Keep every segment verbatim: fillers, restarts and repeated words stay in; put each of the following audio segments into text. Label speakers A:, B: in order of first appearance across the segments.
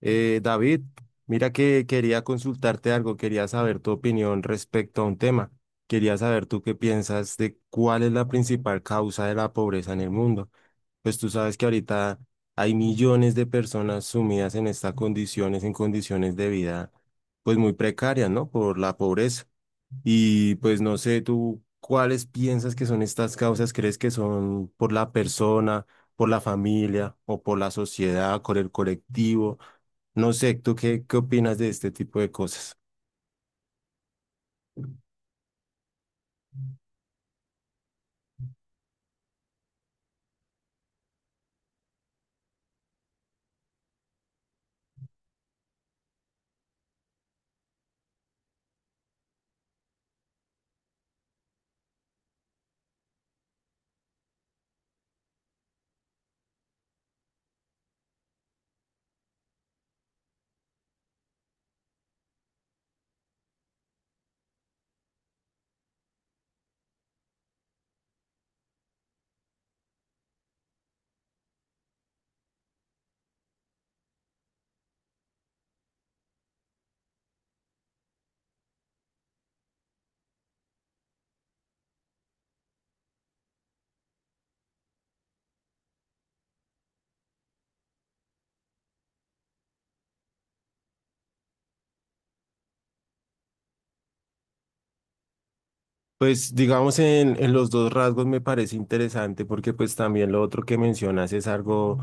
A: Eh, David, mira que quería consultarte algo, quería saber tu opinión respecto a un tema. Quería saber tú qué piensas de cuál es la principal causa de la pobreza en el mundo. Pues tú sabes que ahorita hay millones de personas sumidas en estas condiciones, en condiciones de vida, pues muy precarias, ¿no? Por la pobreza. Y pues no sé, tú, ¿cuáles piensas que son estas causas? ¿Crees que son por la persona, por la familia o por la sociedad, por el colectivo? No sé, ¿tú qué, qué opinas de este tipo de cosas? Pues digamos en, en los dos rasgos me parece interesante porque pues también lo otro que mencionas es algo,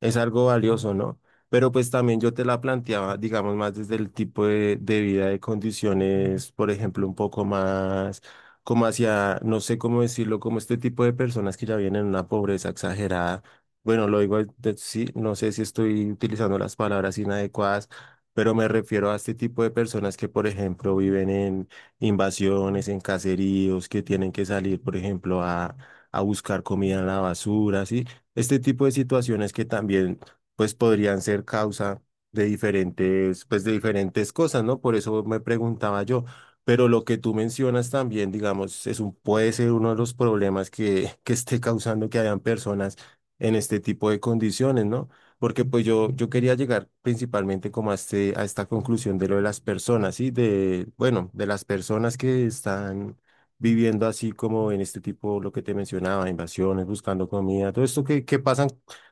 A: es algo valioso, ¿no? Pero pues también yo te la planteaba, digamos, más desde el tipo de, de vida, de condiciones, por ejemplo, un poco más como hacia, no sé cómo decirlo, como este tipo de personas que ya vienen en una pobreza exagerada. Bueno, lo digo, de- sí, no sé si estoy utilizando las palabras inadecuadas, pero me refiero a este tipo de personas que, por ejemplo, viven invasiones en caseríos que tienen que salir, por ejemplo, a, a buscar comida en la basura, ¿sí? Este tipo de situaciones que también, pues, podrían ser causa de diferentes, pues, de diferentes cosas, ¿no? Por eso me preguntaba yo. Pero lo que tú mencionas también, digamos, es un, puede ser uno de los problemas que, que esté causando que hayan personas en este tipo de condiciones, ¿no? Porque pues yo, yo quería llegar principalmente como a, este, a esta conclusión de lo de las personas, ¿sí? De, bueno, de las personas que están viviendo así como en este tipo, lo que te mencionaba, invasiones, buscando comida, todo esto que, que pasan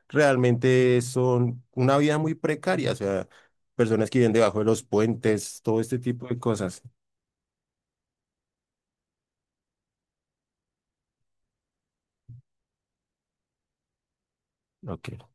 A: realmente son una vida muy precaria, o sea, personas que viven debajo de los puentes, todo este tipo de cosas. Ok.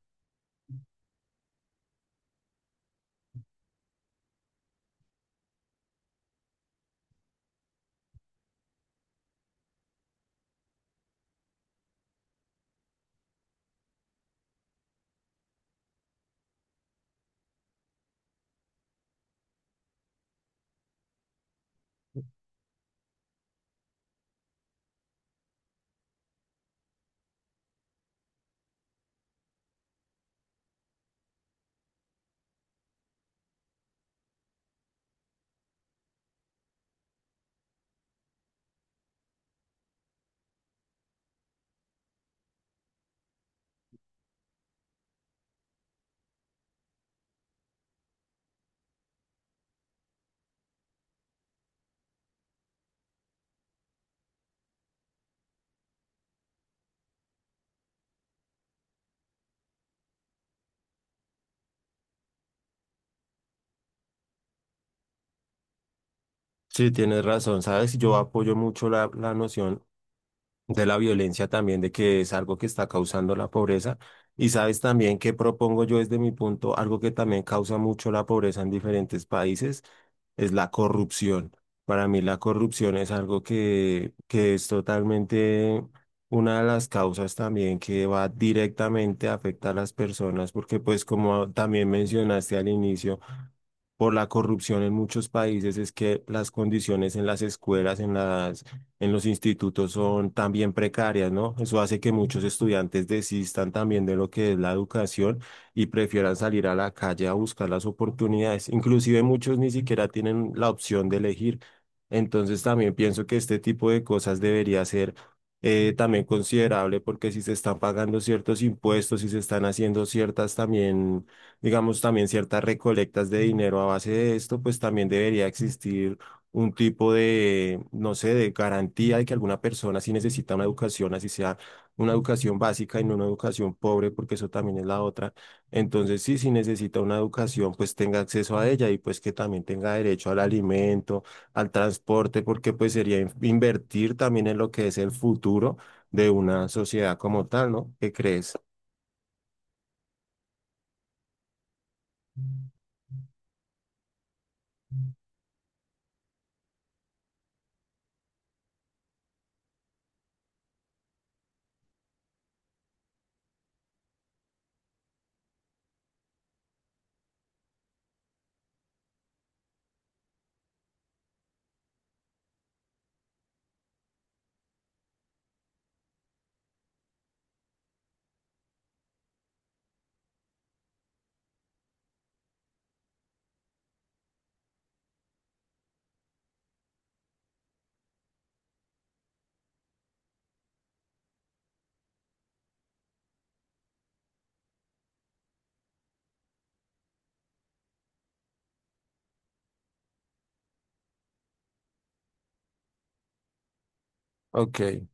A: Sí, tienes razón, ¿sabes? Yo apoyo mucho la, la noción de la violencia también, de que es algo que está causando la pobreza. Y sabes también que propongo yo desde mi punto, algo que también causa mucho la pobreza en diferentes países, es la corrupción. Para mí la corrupción es algo que, que es totalmente una de las causas también que va directamente a afectar a las personas, porque pues como también mencionaste al inicio, por la corrupción en muchos países es que las condiciones en las escuelas, en las, en los institutos son también precarias, ¿no? Eso hace que muchos estudiantes desistan también de lo que es la educación y prefieran salir a la calle a buscar las oportunidades. Inclusive muchos ni siquiera tienen la opción de elegir. Entonces también pienso que este tipo de cosas debería ser eh, también considerable porque si se están pagando ciertos impuestos, si se están haciendo ciertas también digamos, también ciertas recolectas de dinero a base de esto, pues también debería existir un tipo de, no sé, de garantía de que alguna persona si necesita una educación, así sea una educación básica y no una educación pobre, porque eso también es la otra. Entonces, sí, si necesita una educación, pues tenga acceso a ella y pues que también tenga derecho al alimento, al transporte, porque pues sería in- invertir también en lo que es el futuro de una sociedad como tal, ¿no? ¿Qué crees? Ok.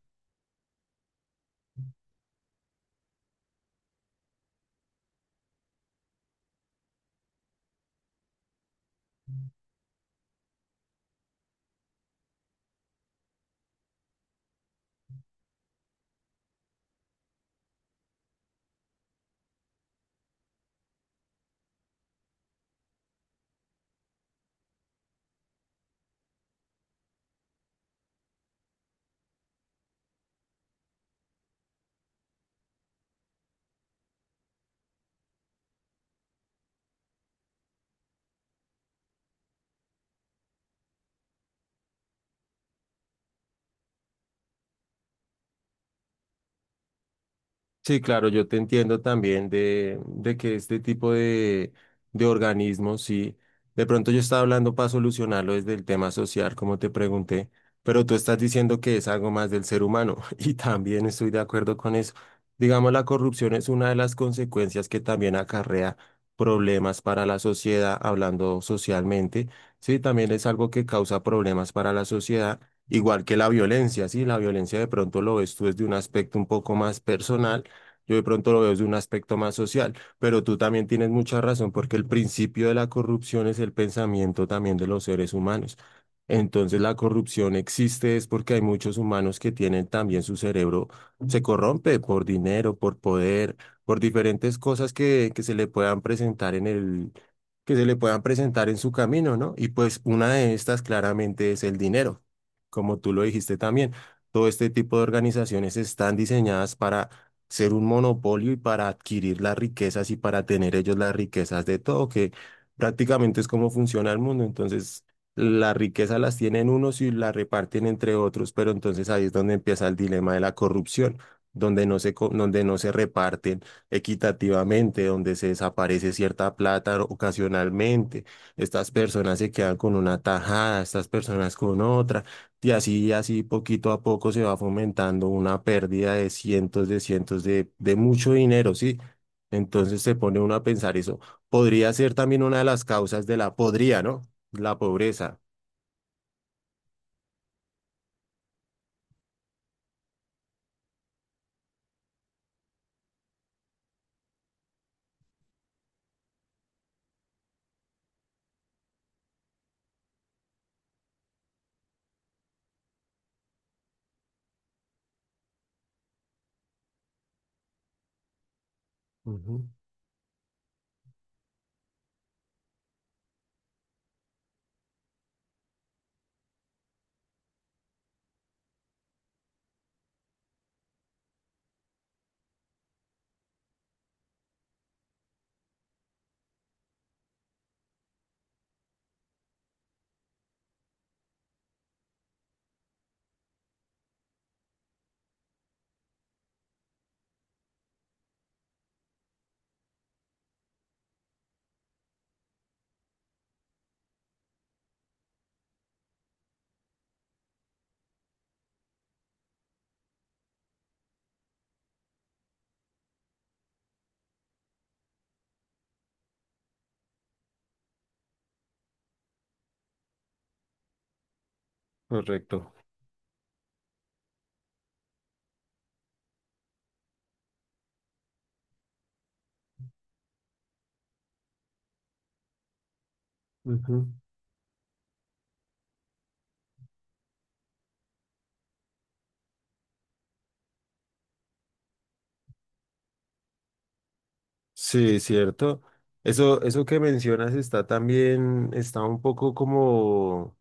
A: Sí, claro, yo te entiendo también de, de que este tipo de, de organismos, sí, de pronto yo estaba hablando para solucionarlo desde el tema social, como te pregunté, pero tú estás diciendo que es algo más del ser humano y también estoy de acuerdo con eso. Digamos, la corrupción es una de las consecuencias que también acarrea problemas para la sociedad, hablando socialmente, sí, también es algo que causa problemas para la sociedad. Igual que la violencia, sí, la violencia de pronto lo ves tú desde un aspecto un poco más personal, yo de pronto lo veo desde un aspecto más social, pero tú también tienes mucha razón porque el principio de la corrupción es el pensamiento también de los seres humanos. Entonces la corrupción existe es porque hay muchos humanos que tienen también su cerebro, se corrompe por dinero, por poder, por diferentes cosas que, que se le puedan presentar en el, que se le puedan presentar en su camino, ¿no? Y pues una de estas claramente es el dinero, como tú lo dijiste también. Todo este tipo de organizaciones están diseñadas para ser un monopolio y para adquirir las riquezas y para tener ellos las riquezas de todo, que prácticamente es como funciona el mundo. Entonces, las riquezas las tienen unos y las reparten entre otros, pero entonces ahí es donde empieza el dilema de la corrupción, donde no se, co- donde no se reparten equitativamente, donde se desaparece cierta plata ocasionalmente, estas personas se quedan con una tajada, estas personas con otra. Y así, así poquito a poco se va fomentando una pérdida de cientos de cientos de, de mucho dinero, ¿sí? Entonces se pone uno a pensar eso. Podría ser también una de las causas de la, podría, ¿no? La pobreza. Ujú, correcto. Ujú. Sí, cierto. Eso, eso que mencionas está también, está un poco como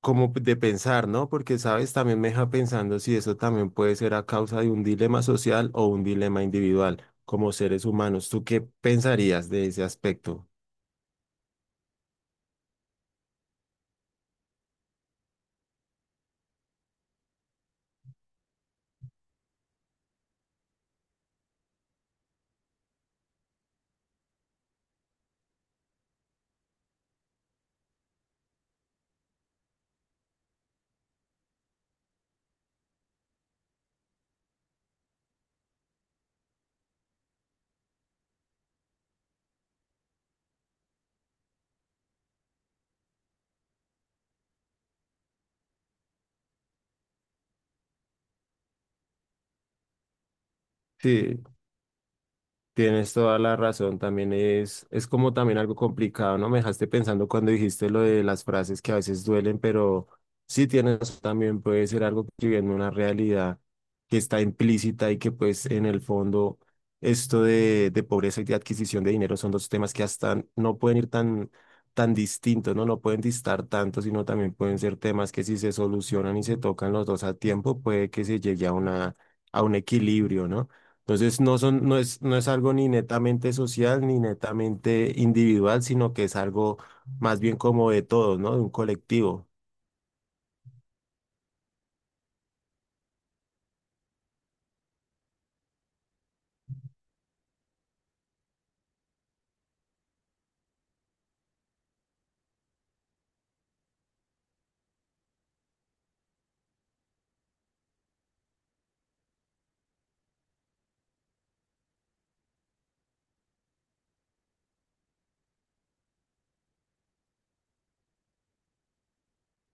A: como de pensar, ¿no? Porque, sabes, también me deja pensando si eso también puede ser a causa de un dilema social o un dilema individual como seres humanos. ¿Tú qué pensarías de ese aspecto? Sí. Tienes toda la razón, también es, es como también algo complicado, ¿no? Me dejaste pensando cuando dijiste lo de las frases que a veces duelen, pero sí tienes también puede ser algo que viene una realidad que está implícita y que pues en el fondo esto de, de pobreza y de adquisición de dinero son dos temas que hasta no pueden ir tan, tan distintos, ¿no? No pueden distar tanto, sino también pueden ser temas que si se solucionan y se tocan los dos a tiempo, puede que se llegue a una, a un equilibrio, ¿no? Entonces no son, no es, no es algo ni netamente social ni netamente individual, sino que es algo más bien como de todos, ¿no? De un colectivo.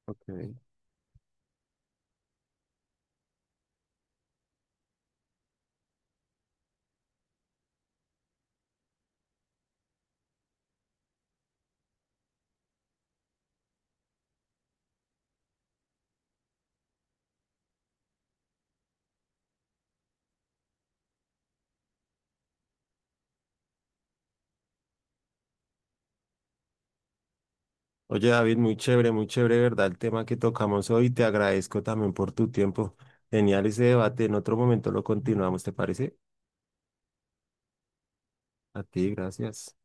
A: Ok. Oye, David, muy chévere, muy chévere, ¿verdad? El tema que tocamos hoy, te agradezco también por tu tiempo. Genial ese debate. En otro momento lo continuamos, ¿te parece? A ti, gracias.